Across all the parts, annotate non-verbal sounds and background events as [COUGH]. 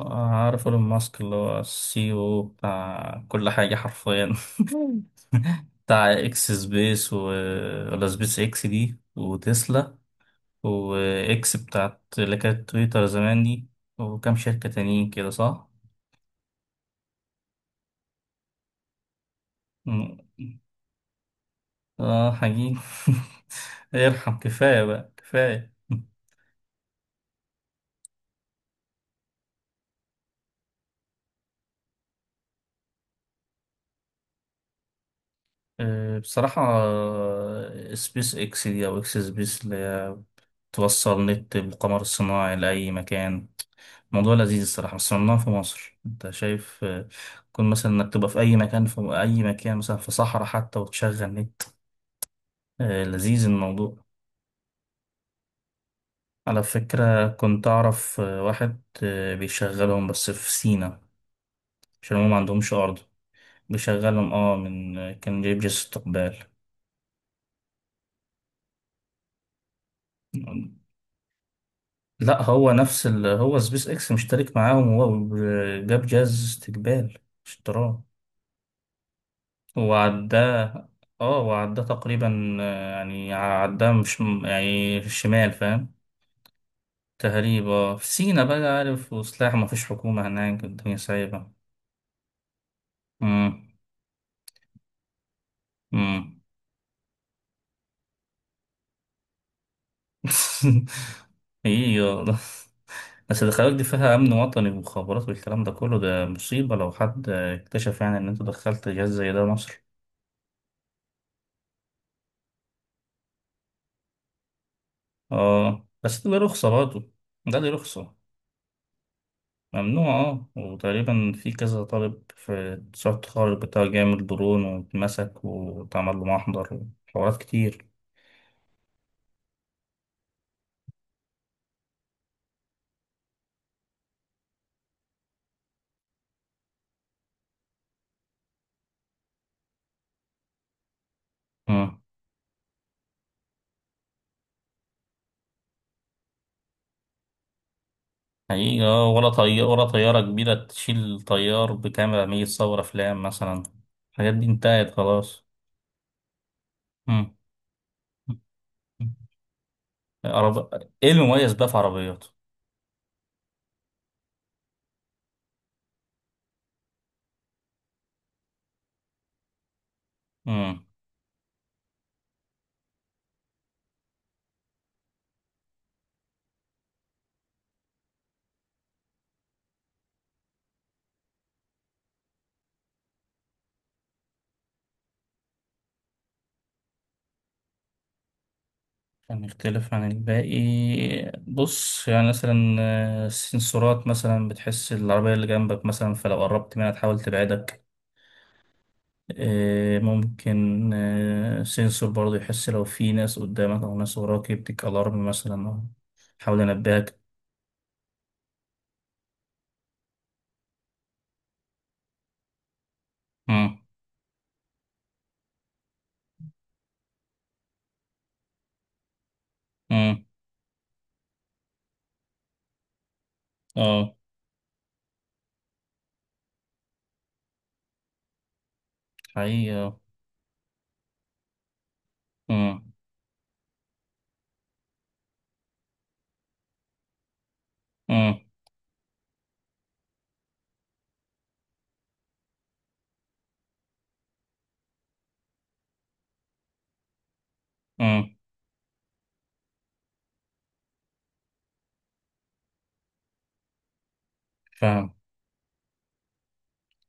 آه، عارف ايلون ماسك اللي هو السي او بتاع كل حاجة حرفيا. [LAUGHS] بتاع اكس سبيس و ولا سبيس اكس دي وتسلا، واكس بتاعت اللي كانت تويتر زمان دي، وكام شركة تانيين كده، صح؟ م- اه، حقيقي. [LAUGHS] ارحم، كفاية بقى كفاية. بصراحة، سبيس اكس دي او اكس سبيس اللي هي توصل نت بالقمر الصناعي لأي مكان. موضوع لذيذ الصراحة، بس ممنوع في مصر، انت شايف. كون مثلا انك تبقى في اي مكان، في اي مكان مثلا في صحراء حتى، وتشغل نت. لذيذ الموضوع. على فكرة كنت اعرف واحد بيشغلهم بس في سينا، عشان هم ما عندهمش ارض. بيشغلهم، اه من آه، كان جايب جهاز استقبال. لا، هو نفس هو سبيس اكس مشترك معاهم، وهو جاب جهاز استقبال، اشتراه، وعداه. اه وعداه تقريبا، يعني عداه، مش يعني، في الشمال، فاهم؟ تقريبا في سينا بقى، عارف، وسلاح، ما فيش حكومة هناك، الدنيا سايبة. امم. امم. [LAUGHS] ايه، يلا. بس الخلايا دي فيها امن وطني ومخابرات والكلام ده كله، ده مصيبة لو حد اكتشف يعني ان انت دخلت جهاز زي ده مصر. اه، بس ده له رخصة برضه. ده له رخصة. ممنوع، اه، وتقريبا في كذا طالب في مشروع التخرج بتاع جامعة برون واتمسك واتعمل له محضر وحوارات كتير. مم. حقيقة، ولا طيارة كبيرة تشيل طيار بكاميرا 100 تصور أفلام مثلا. الحاجات دي انتهت خلاص. مم. عرب... ايه المميز بقى في عربيات؟ هنختلف عن الباقي. بص، يعني مثلا السنسورات مثلا بتحس العربية اللي جنبك، مثلا فلو قربت منها تحاول تبعدك. ممكن سنسور برضه يحس لو في ناس قدامك أو ناس وراك، يديك ألارم مثلا أو يحاول ينبهك. مم. مم. اه. حقيقة. مم. مم. مم.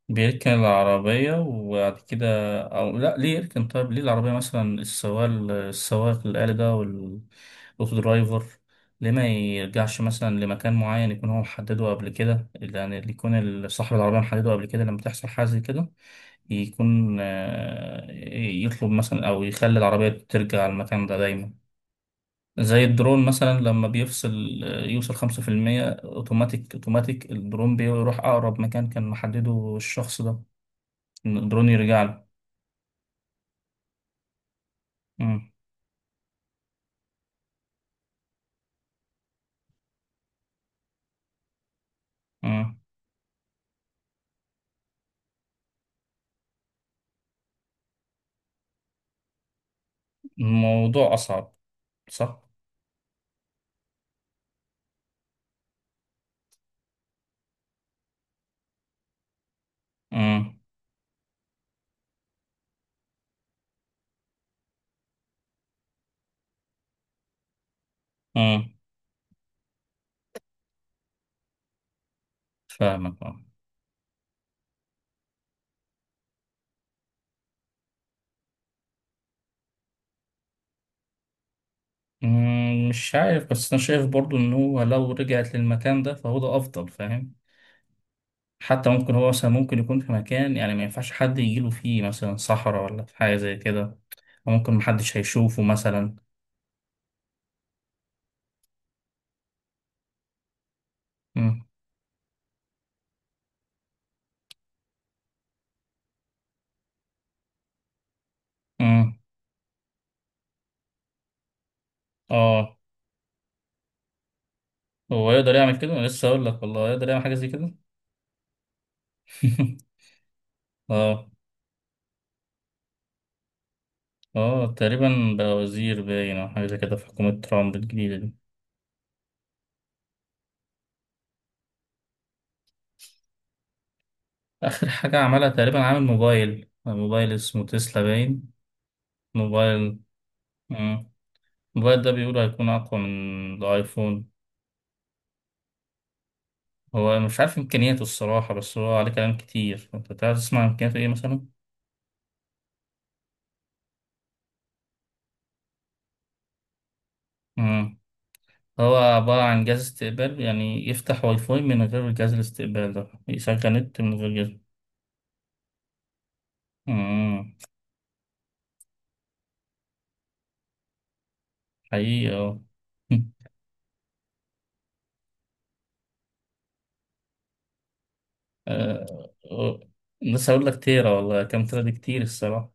بيركن العربية، وبعد كده. أو لأ، ليه يركن؟ طيب ليه العربية مثلا، السواق، السواق الآلي ده والأوتو درايفر، ليه ما يرجعش مثلا لمكان معين يكون هو محدده قبل كده، يعني اللي يكون صاحب العربية محدده قبل كده لما تحصل حاجة زي كده، يكون يطلب مثلا أو يخلي العربية ترجع المكان ده دايما. زي الدرون مثلا لما بيفصل يوصل 5% أوتوماتيك، أوتوماتيك الدرون بيروح أقرب مكان كان محدده الشخص ده، إن بروني رجع له. مم. مم. الموضوع أصعب، صح؟ مم. مم. فاهمك آه. مم. مش عارف، بس أنا شايف برضو إن هو لو رجعت للمكان ده فهو ده أفضل، فاهم؟ حتى ممكن هو مثلا ممكن يكون في مكان يعني ما ينفعش حد يجيله فيه، مثلا صحراء ولا في حاجة زي كده، وممكن محدش هيشوفه مثلا. مم. مم. اه، هو يقدر يعمل كده، أنا لسه هقول لك والله يقدر يعمل حاجة زي كده. [LAUGHS] اه. اه، تقريبا بقى وزير باين او حاجه زي كده في حكومه ترامب الجديده دي. اخر حاجه عملها تقريبا، عامل موبايل، موبايل اسمه تسلا باين. موبايل. مم. الموبايل ده بيقولوا هيكون اقوى من الايفون. هو أنا مش عارف امكانياته الصراحه، بس هو عليه كلام كتير، انت تعرف تسمع امكانياته ايه مثلا؟ مم. هو عباره عن جهاز استقبال، يعني يفتح واي فاي من غير جهاز الاستقبال ده، يشغل نت من غير جهاز. مم. حقيقي، اه. [LAUGHS] آه، آه، لسه هقول لك، تيرا والله، كام تيرا دي كتير الصراحة.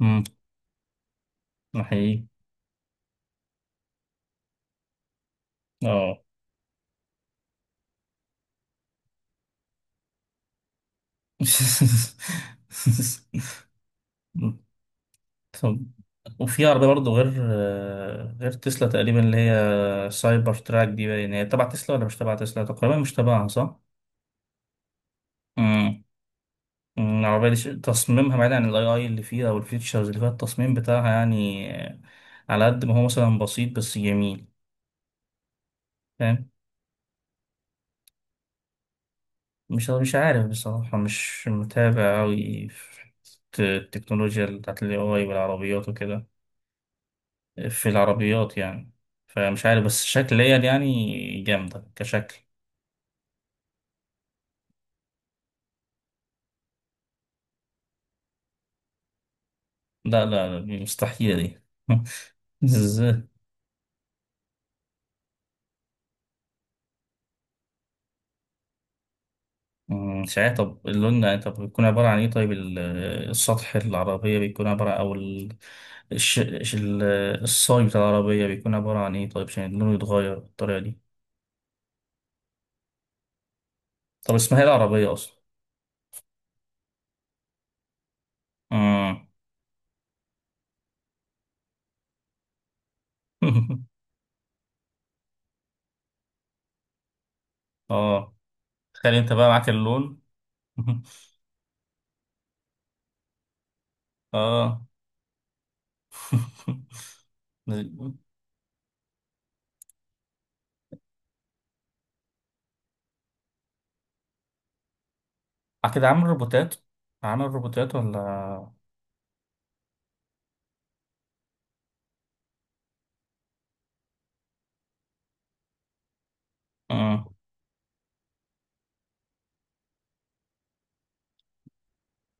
امم. ده حقيقي. اه. [LAUGHS] طب، وفي عربية برضه غير غير تسلا تقريبا، اللي هي سايبر تراك دي، باين هي تبع تسلا ولا مش تبع تسلا، تقريبا مش تبعها، صح؟ امم. العربية دي تصميمها بعيد عن الاي اي اللي فيها او الفيتشرز اللي فيها، التصميم بتاعها يعني على قد ما هو مثلا بسيط بس جميل. فاهم؟ مش عارف بصراحة، مش متابع أوي في التكنولوجيا بتاعت ال AI والعربيات وكده، في العربيات يعني. فمش عارف، بس شكليا يعني جامدة كشكل. لا، لا، دي مستحيلة دي. [LAUGHS] ازاي؟ مم، مش عارف، طب اللون يعني، طب بيكون عبارة عن ايه؟ طيب السطح العربية بيكون عبارة، أو الش... الش- ال- الصاج بتاع العربية بيكون عبارة عن ايه طيب، عشان اللون يتغير بالطريقة دي؟ طب اسمها ايه العربية أصلا؟ مم. [LAUGHS] اه. تخيل انت بقى معاك اللون. [LAUGHS] اه. [LAUGHS] كده عامل روبوتات، ولا؟ اه.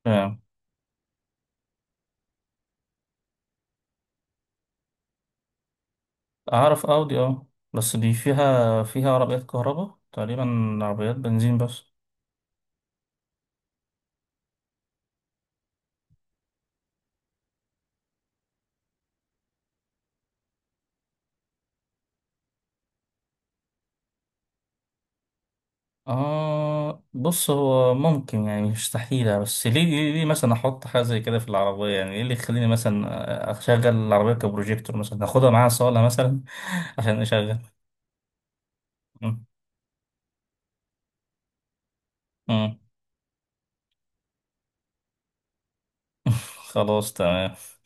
آه. اعرف اودي، اه، بس دي فيها عربيات كهرباء، تقريبا عربيات بنزين بس. اه، بص هو ممكن، يعني مش مستحيلة، بس ليه مثلا احط حاجة زي كده في العربية؟ يعني ايه اللي يخليني مثلا اشغل العربية كبروجيكتور مثلا، اخدها معايا صالة مثلا؟ [LAUGHS] عشان اشغل. مم. مم. [LAUGHS] خلاص، تمام.